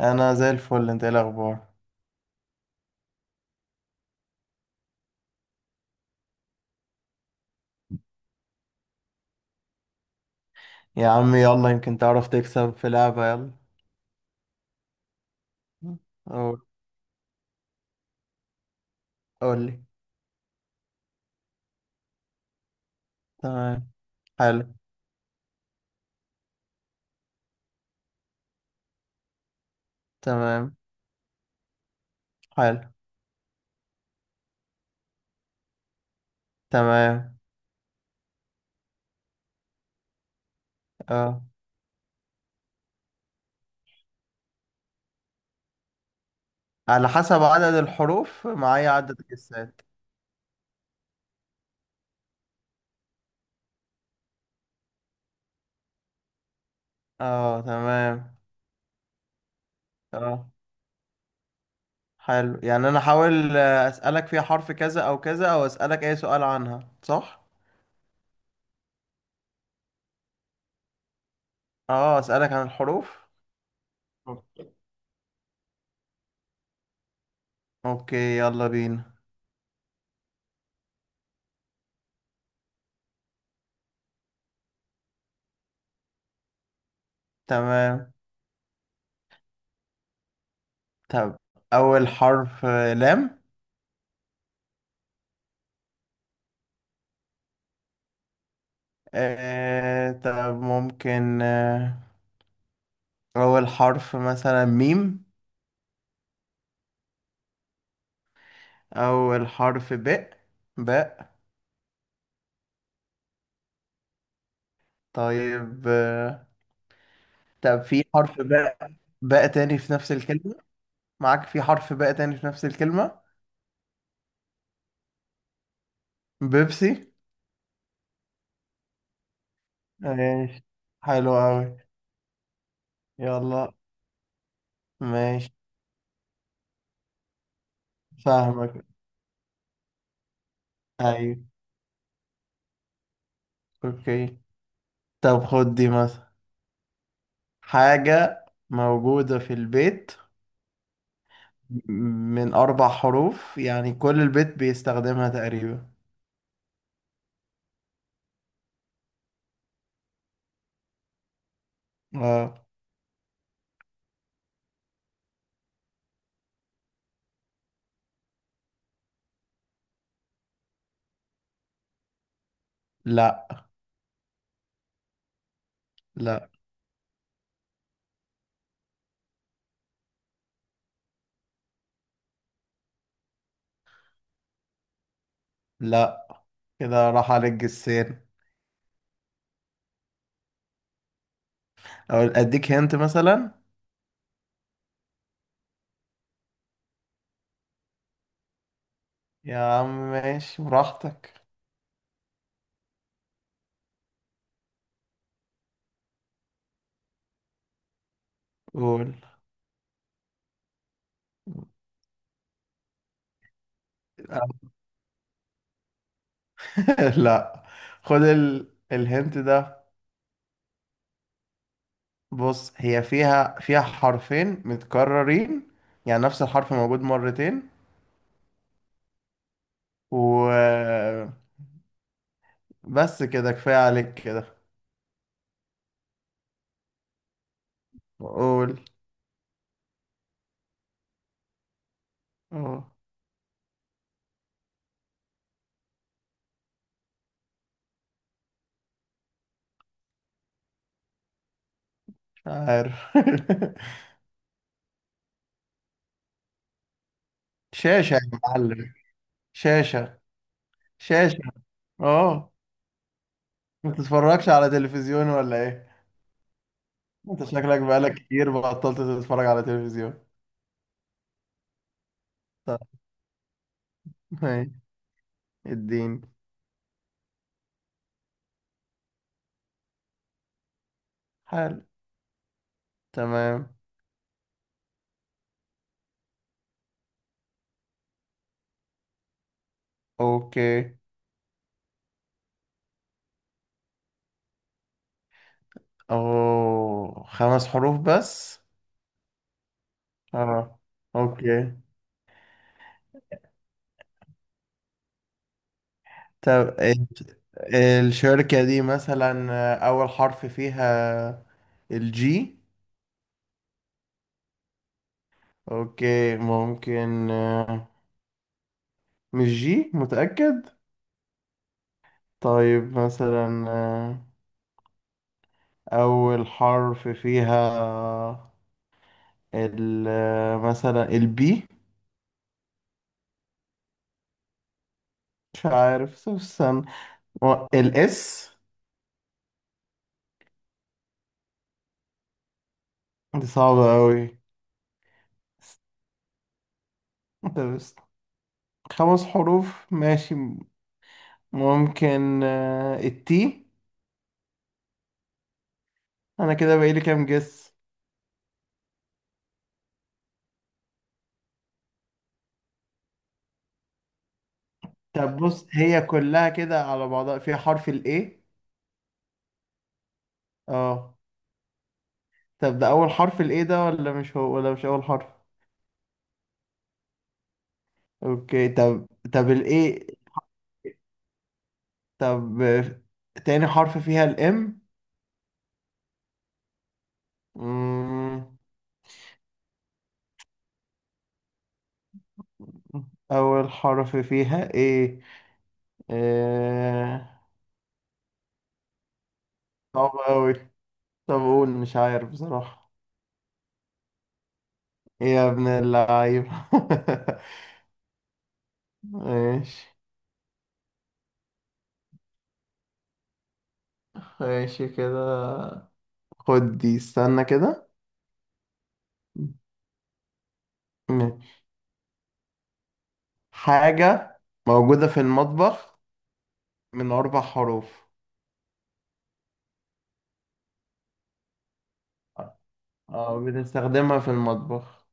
انا زي الفل. انت ايه الاخبار؟ يا عم، يلا يمكن تعرف تكسب في لعبة. يلا. قول قول لي. تمام. حلو. تمام. حلو. تمام. اه، على حسب عدد الحروف معايا عدد الجسات. اه، تمام. اه، حلو. يعني انا احاول، اسالك فيها حرف كذا او كذا، او اسالك اي سؤال عنها، صح؟ اه، اسالك عن الحروف. اوكي. اوكي، يلا بينا. تمام. طب اول حرف، لام. طب ممكن، أول حرف مثلا ميم؟ أو الحرف باء. باء. طيب. طب في حرف باء، باء تاني في نفس الكلمة؟ معاك في حرف باء تاني في نفس الكلمة. بيبسي. ماشي. حلو أوي. يلا. ماشي. فاهمك. أيوة. أوكي. طب خد دي مثلا، حاجة موجودة في البيت من أربع حروف، يعني كل البيت بيستخدمها تقريبا. اه. لا. لا. لا، كده راح عليك جسين. او اديك هنت مثلا. يا عم ماشي براحتك. قول. لا. خد الهنت ده. بص، هي فيها حرفين متكررين، يعني نفس الحرف موجود مرتين. و بس كده، كفاية عليك كده. قول. اه، مش عارف. شاشة يا معلم. شاشة. شاشة. اه. ما تتفرجش على تلفزيون ولا ايه؟ انت شكلك بقالك كتير بطلت تتفرج على تلفزيون. طب. ماشي. الدين. حلو. تمام. اوكي. اوه، خمس حروف بس؟ اه. اوكي. طب ال- الشركة دي مثلا، اول حرف فيها الجي؟ اوكي، ممكن. مش جي متأكد. طيب مثلا، اول حرف فيها، ال مثلا البي؟ مش عارف. طب استنى. الاس؟ دي صعبة أوي. انت بس. خمس حروف، ماشي. ممكن، التي؟ انا كده بقالي كام جس؟ طب بص، هي كلها كده على بعضها فيها حرف الاي؟ اه. طب ده اول حرف، الاي ده، ولا مش هو، ولا مش اول حرف؟ اوكي. طب الاي. طب، تاني حرف فيها الام؟ أمم، اول حرف فيها ايه؟ إيه. صعب أوي. طب قول، مش عارف بصراحة. إيه يا ابن اللعيب! ماشي. ماشي كده، خد دي، استنى كده. ماشي. حاجة موجودة في المطبخ من أربع حروف. اه، بنستخدمها في المطبخ.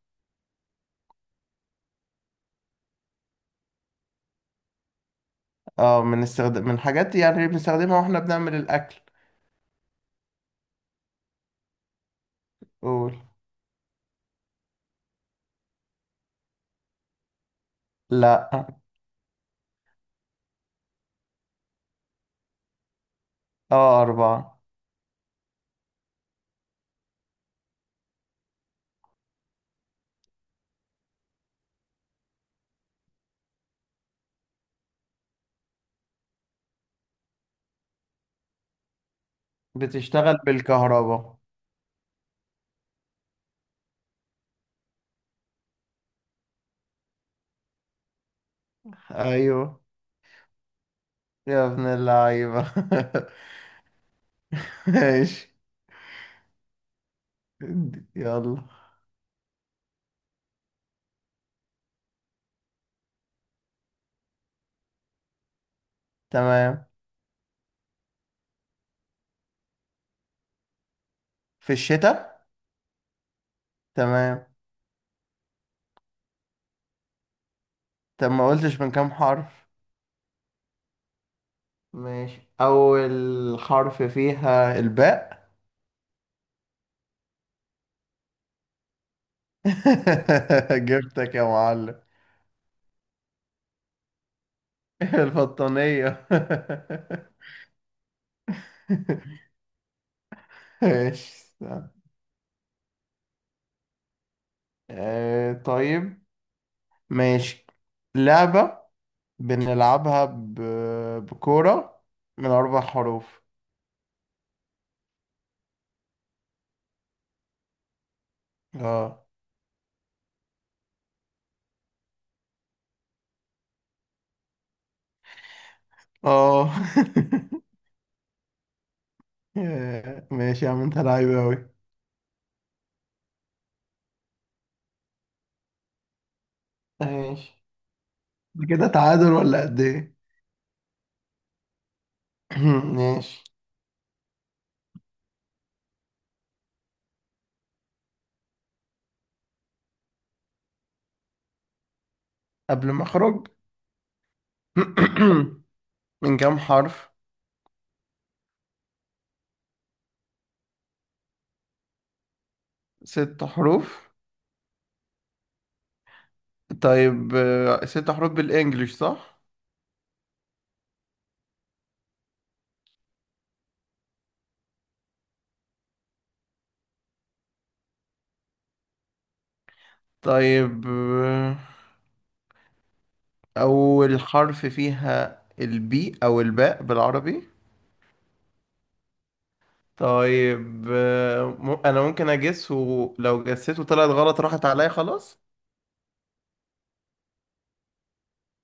اه، من استخدام، من حاجات، يعني بنستخدمها واحنا بنعمل الأكل. قول. لا. اه، أربعة. بتشتغل بالكهرباء. أيوه يا ابن اللعيبة! ماشي. يلا. تمام. في الشتاء. تمام. طب ما قلتش من كام حرف؟ ماشي. أول حرف فيها الباء. جبتك يا معلم! البطانية. ماشي. استنى. طيب. ماشي. لعبة بنلعبها بكورة، من أربع حروف. اه. اه. ماشي يا عم، انت لعيب أوي. ماشي. ده كده تعادل ولا قد ايه؟ ماشي. قبل ما اخرج. من كام حرف؟ ست حروف. طيب، ست حروف بالانجلش، صح؟ طيب، اول حرف فيها البي، او الباء بالعربي. طيب، انا ممكن اجس، ولو جسيته طلعت غلط راحت عليا خلاص.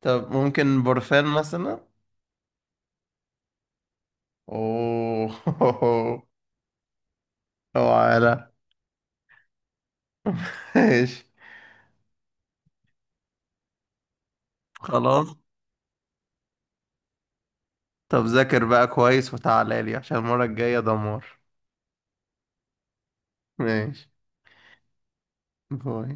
طب ممكن برفان مثلا؟ اوه! اوعى. لا. ماشي. خلاص. طب ذاكر بقى كويس وتعالى لي عشان المرة الجاية دمار. ماشي. باي.